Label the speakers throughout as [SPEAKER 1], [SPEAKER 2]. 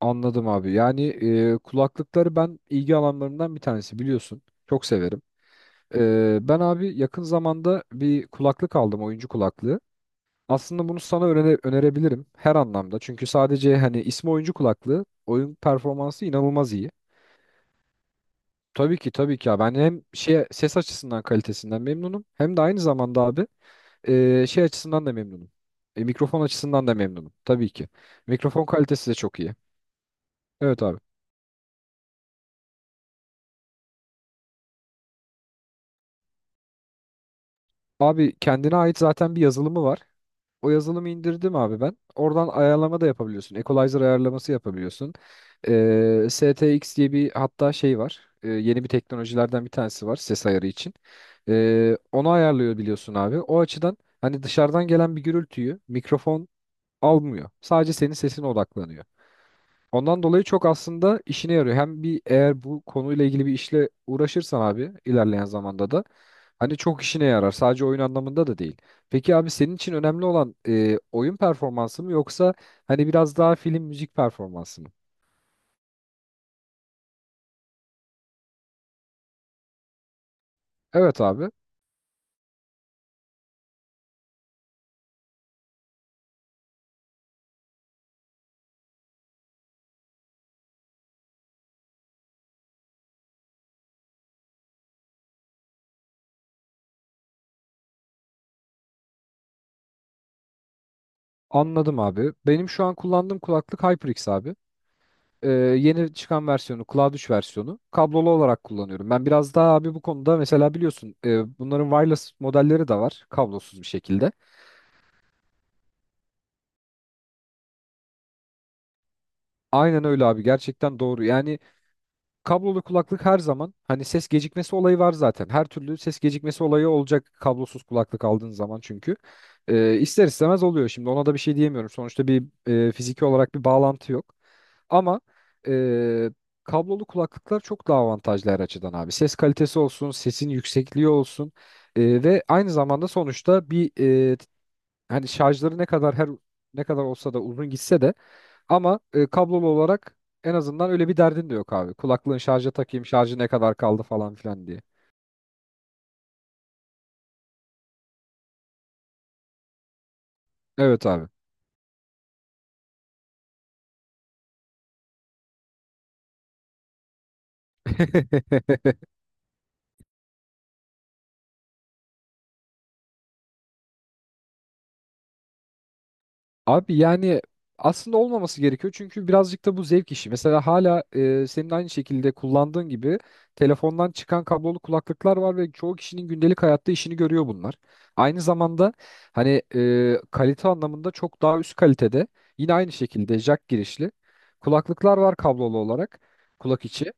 [SPEAKER 1] Anladım abi. Kulaklıkları ben ilgi alanlarımdan bir tanesi biliyorsun. Çok severim. Ben abi yakın zamanda bir kulaklık aldım, oyuncu kulaklığı. Aslında bunu sana önerebilirim her anlamda. Çünkü sadece hani ismi oyuncu kulaklığı, oyun performansı inanılmaz iyi. Tabii ki tabii ki abi. Ben hem şey ses açısından kalitesinden memnunum hem de aynı zamanda abi, şey açısından da memnunum. Mikrofon açısından da memnunum tabii ki. Mikrofon kalitesi de çok iyi. Evet abi. Abi kendine ait zaten bir yazılımı var. O yazılımı indirdim abi ben. Oradan ayarlama da yapabiliyorsun. Equalizer ayarlaması yapabiliyorsun. STX diye bir hatta şey var. Yeni bir teknolojilerden bir tanesi var ses ayarı için. Onu ayarlıyor biliyorsun abi. O açıdan hani dışarıdan gelen bir gürültüyü mikrofon almıyor. Sadece senin sesine odaklanıyor. Ondan dolayı çok aslında işine yarıyor. Hem bir eğer bu konuyla ilgili bir işle uğraşırsan abi ilerleyen zamanda da hani çok işine yarar. Sadece oyun anlamında da değil. Peki abi senin için önemli olan oyun performansı mı yoksa hani biraz daha film müzik performansı mı? Evet abi, anladım abi. Benim şu an kullandığım kulaklık HyperX abi. Yeni çıkan versiyonu Cloud 3 versiyonu kablolu olarak kullanıyorum. Ben biraz daha abi bu konuda mesela biliyorsun bunların wireless modelleri de var kablosuz bir şekilde. Aynen öyle abi, gerçekten doğru. Yani kablolu kulaklık her zaman hani ses gecikmesi olayı var zaten. Her türlü ses gecikmesi olayı olacak kablosuz kulaklık aldığın zaman çünkü. İster istemez oluyor şimdi ona da bir şey diyemiyorum. Sonuçta bir fiziki olarak bir bağlantı yok. Ama e, kablolu kulaklıklar çok daha avantajlı her açıdan abi. Ses kalitesi olsun, sesin yüksekliği olsun ve aynı zamanda sonuçta bir e, hani şarjları ne kadar her ne kadar olsa da uzun gitse de ama kablolu olarak en azından öyle bir derdin de yok abi. Kulaklığın şarja takayım, şarjı ne kadar kaldı falan filan diye. Evet abi. Abi yani aslında olmaması gerekiyor çünkü birazcık da bu zevk işi. Mesela hala senin aynı şekilde kullandığın gibi telefondan çıkan kablolu kulaklıklar var ve çoğu kişinin gündelik hayatta işini görüyor bunlar. Aynı zamanda hani, kalite anlamında çok daha üst kalitede yine aynı şekilde jack girişli kulaklıklar var kablolu olarak kulak içi.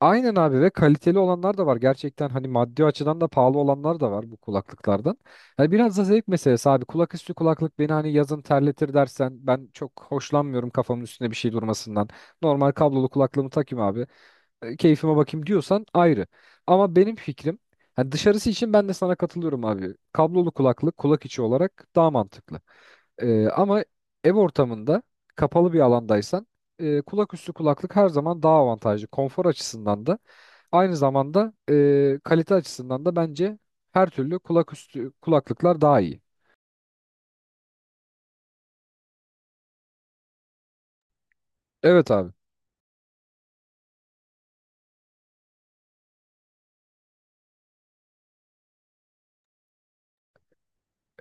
[SPEAKER 1] Aynen abi ve kaliteli olanlar da var. Gerçekten hani maddi açıdan da pahalı olanlar da var bu kulaklıklardan. Yani biraz da zevk meselesi abi. Kulak üstü kulaklık beni hani yazın terletir dersen ben çok hoşlanmıyorum kafamın üstüne bir şey durmasından. Normal kablolu kulaklığımı takayım abi. Keyfime bakayım diyorsan ayrı. Ama benim fikrim hani dışarısı için ben de sana katılıyorum abi. Kablolu kulaklık kulak içi olarak daha mantıklı. Ama ev ortamında kapalı bir alandaysan kulak üstü kulaklık her zaman daha avantajlı. Konfor açısından da aynı zamanda kalite açısından da bence her türlü kulak üstü kulaklıklar daha iyi. Evet abi.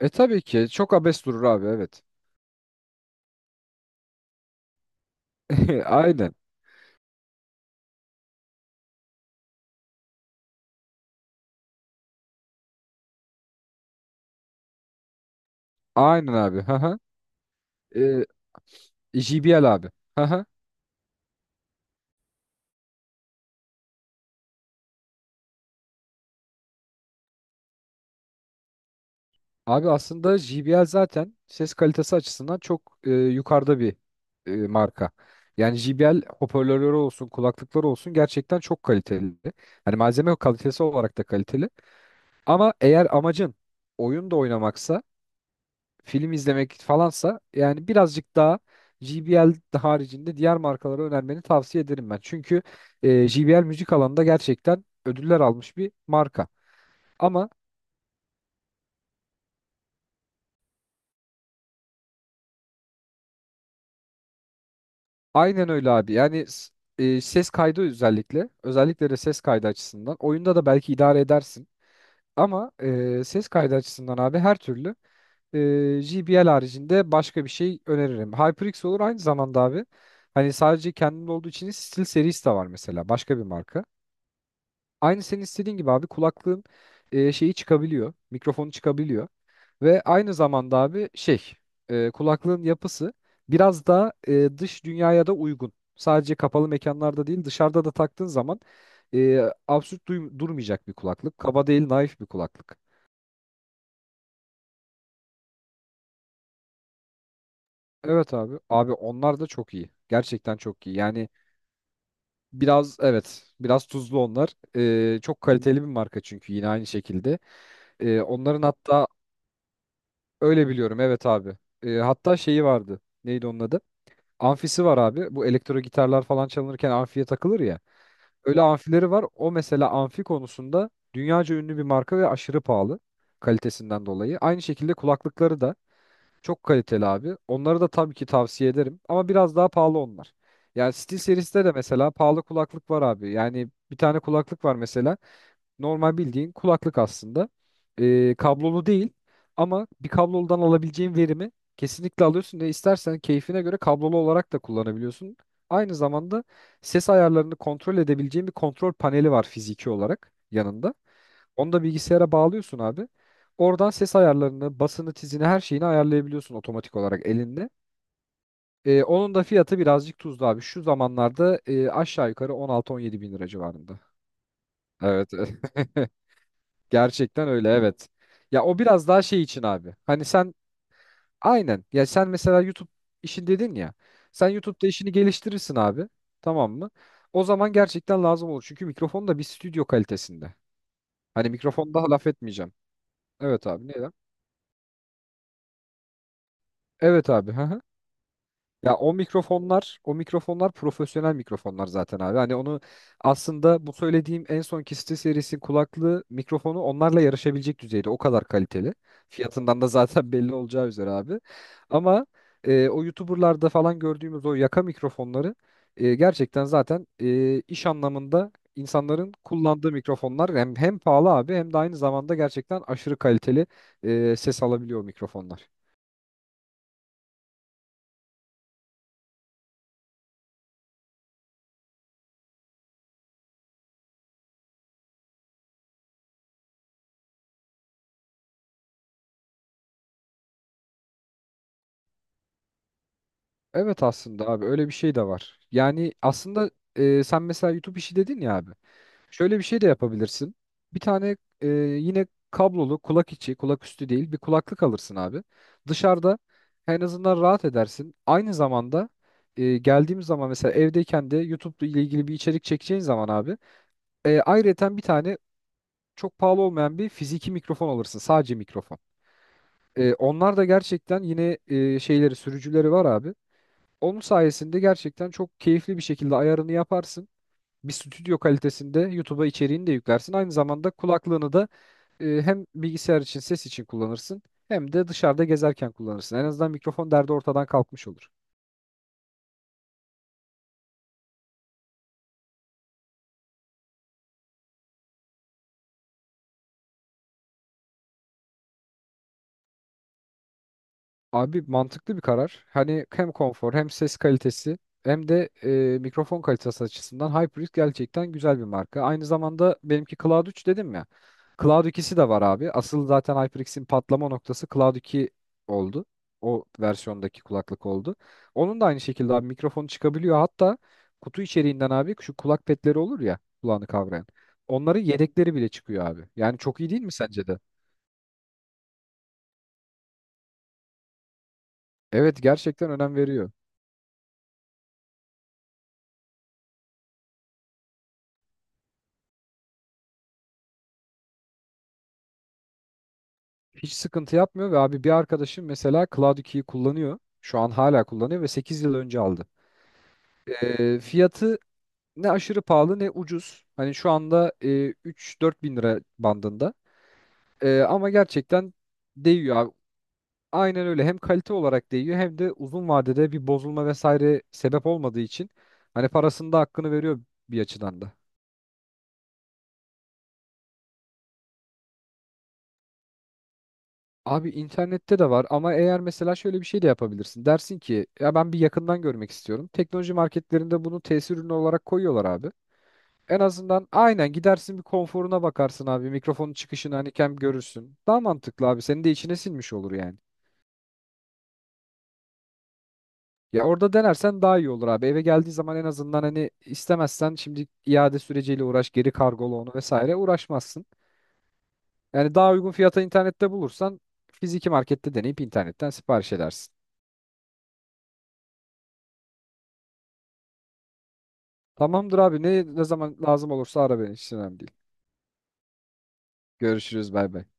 [SPEAKER 1] E tabii ki çok abes durur abi, evet. Aynen. Aynen abi. Haha. E, JBL abi. Haha. Abi aslında JBL zaten ses kalitesi açısından çok yukarıda bir marka. Yani JBL hoparlörleri olsun, kulaklıkları olsun gerçekten çok kaliteli. Hani malzeme kalitesi olarak da kaliteli. Ama eğer amacın oyun da oynamaksa film izlemek falansa yani birazcık daha JBL haricinde diğer markalara önermeni tavsiye ederim ben. Çünkü JBL müzik alanında gerçekten ödüller almış bir marka. Ama aynen öyle abi. Yani ses kaydı özellikle, özellikle de ses kaydı açısından oyunda da belki idare edersin. Ama ses kaydı açısından abi her türlü JBL haricinde başka bir şey öneririm. HyperX olur aynı zamanda abi. Hani sadece kendinde olduğu için değil, SteelSeries de var mesela başka bir marka. Aynı senin istediğin gibi abi, kulaklığın şeyi çıkabiliyor. Mikrofonu çıkabiliyor. Ve aynı zamanda abi, kulaklığın yapısı biraz daha dış dünyaya da uygun. Sadece kapalı mekanlarda değil dışarıda da taktığın zaman e, absürt durmayacak bir kulaklık. Kaba değil naif bir kulaklık. Evet abi. Abi onlar da çok iyi. Gerçekten çok iyi. Yani biraz evet, biraz tuzlu onlar. Çok kaliteli bir marka çünkü yine aynı şekilde. E, onların hatta Öyle biliyorum evet abi. Hatta şeyi vardı. Neydi onun adı? Amfisi var abi. Bu elektro gitarlar falan çalınırken amfiye takılır ya. Öyle amfileri var. O mesela amfi konusunda dünyaca ünlü bir marka ve aşırı pahalı kalitesinden dolayı. Aynı şekilde kulaklıkları da çok kaliteli abi. Onları da tabii ki tavsiye ederim ama biraz daha pahalı onlar. Yani SteelSeries'te de mesela pahalı kulaklık var abi. Yani bir tane kulaklık var mesela. Normal bildiğin kulaklık aslında. Kablolu değil ama bir kabloludan alabileceğin verimi kesinlikle alıyorsun ve istersen keyfine göre kablolu olarak da kullanabiliyorsun. Aynı zamanda ses ayarlarını kontrol edebileceğin bir kontrol paneli var fiziki olarak yanında. Onu da bilgisayara bağlıyorsun abi. Oradan ses ayarlarını, basını, tizini her şeyini ayarlayabiliyorsun otomatik olarak elinde. Onun da fiyatı birazcık tuzlu abi. Şu zamanlarda aşağı yukarı 16-17 bin lira civarında. Evet. Gerçekten öyle, evet. Ya o biraz daha şey için abi. Hani sen aynen. Ya sen mesela YouTube işin dedin ya. Sen YouTube'da işini geliştirirsin abi. Tamam mı? O zaman gerçekten lazım olur. Çünkü mikrofon da bir stüdyo kalitesinde. Hani mikrofon daha laf etmeyeceğim. Evet abi neden? Evet abi. Ya o mikrofonlar, o mikrofonlar profesyonel mikrofonlar zaten abi. Hani onu aslında bu söylediğim en son Kiste serisi kulaklığı mikrofonu onlarla yarışabilecek düzeyde. O kadar kaliteli. Fiyatından da zaten belli olacağı üzere abi. Ama o YouTuber'larda falan gördüğümüz o yaka mikrofonları gerçekten zaten iş anlamında insanların kullandığı mikrofonlar hem, hem pahalı abi hem de aynı zamanda gerçekten aşırı kaliteli ses alabiliyor o mikrofonlar. Evet aslında abi öyle bir şey de var. Yani aslında sen mesela YouTube işi dedin ya abi. Şöyle bir şey de yapabilirsin. Bir tane yine kablolu kulak içi, kulak üstü değil bir kulaklık alırsın abi. Dışarıda en azından rahat edersin. Aynı zamanda geldiğimiz zaman mesela evdeyken de YouTube ile ilgili bir içerik çekeceğin zaman abi. Ayrıyeten bir tane çok pahalı olmayan bir fiziki mikrofon alırsın. Sadece mikrofon. Onlar da gerçekten yine şeyleri sürücüleri var abi. Onun sayesinde gerçekten çok keyifli bir şekilde ayarını yaparsın. Bir stüdyo kalitesinde YouTube'a içeriğini de yüklersin. Aynı zamanda kulaklığını da hem bilgisayar için ses için kullanırsın hem de dışarıda gezerken kullanırsın. En azından mikrofon derdi ortadan kalkmış olur. Abi mantıklı bir karar. Hani hem konfor hem ses kalitesi hem de mikrofon kalitesi açısından HyperX gerçekten güzel bir marka. Aynı zamanda benimki Cloud 3 dedim ya. Cloud 2'si de var abi. Asıl zaten HyperX'in patlama noktası Cloud 2 oldu. O versiyondaki kulaklık oldu. Onun da aynı şekilde abi mikrofonu çıkabiliyor. Hatta kutu içeriğinden abi şu kulak petleri olur ya kulağını kavrayan. Onların yedekleri bile çıkıyor abi. Yani çok iyi değil mi sence de? Evet gerçekten önem veriyor. Hiç sıkıntı yapmıyor ve abi bir arkadaşım mesela Cloud 2'yi kullanıyor. Şu an hala kullanıyor ve 8 yıl önce aldı. Fiyatı ne aşırı pahalı ne ucuz. Hani şu anda 3-4 bin lira bandında. Ama gerçekten değiyor abi. Aynen öyle. Hem kalite olarak değiyor hem de uzun vadede bir bozulma vesaire sebep olmadığı için hani parasında hakkını veriyor bir açıdan da. Abi internette de var ama eğer mesela şöyle bir şey de yapabilirsin. Dersin ki ya ben bir yakından görmek istiyorum. Teknoloji marketlerinde bunu tesir ürünü olarak koyuyorlar abi. En azından aynen gidersin bir konforuna bakarsın abi. Mikrofonun çıkışını hani kem görürsün. Daha mantıklı abi. Senin de içine sinmiş olur yani. Ya orada denersen daha iyi olur abi. Eve geldiği zaman en azından hani istemezsen şimdi iade süreciyle uğraş, geri kargola onu vesaire uğraşmazsın. Yani daha uygun fiyata internette bulursan fiziki markette deneyip internetten sipariş edersin. Tamamdır abi. Ne, ne zaman lazım olursa ara beni. Hiç önemli değil. Görüşürüz. Bay bay.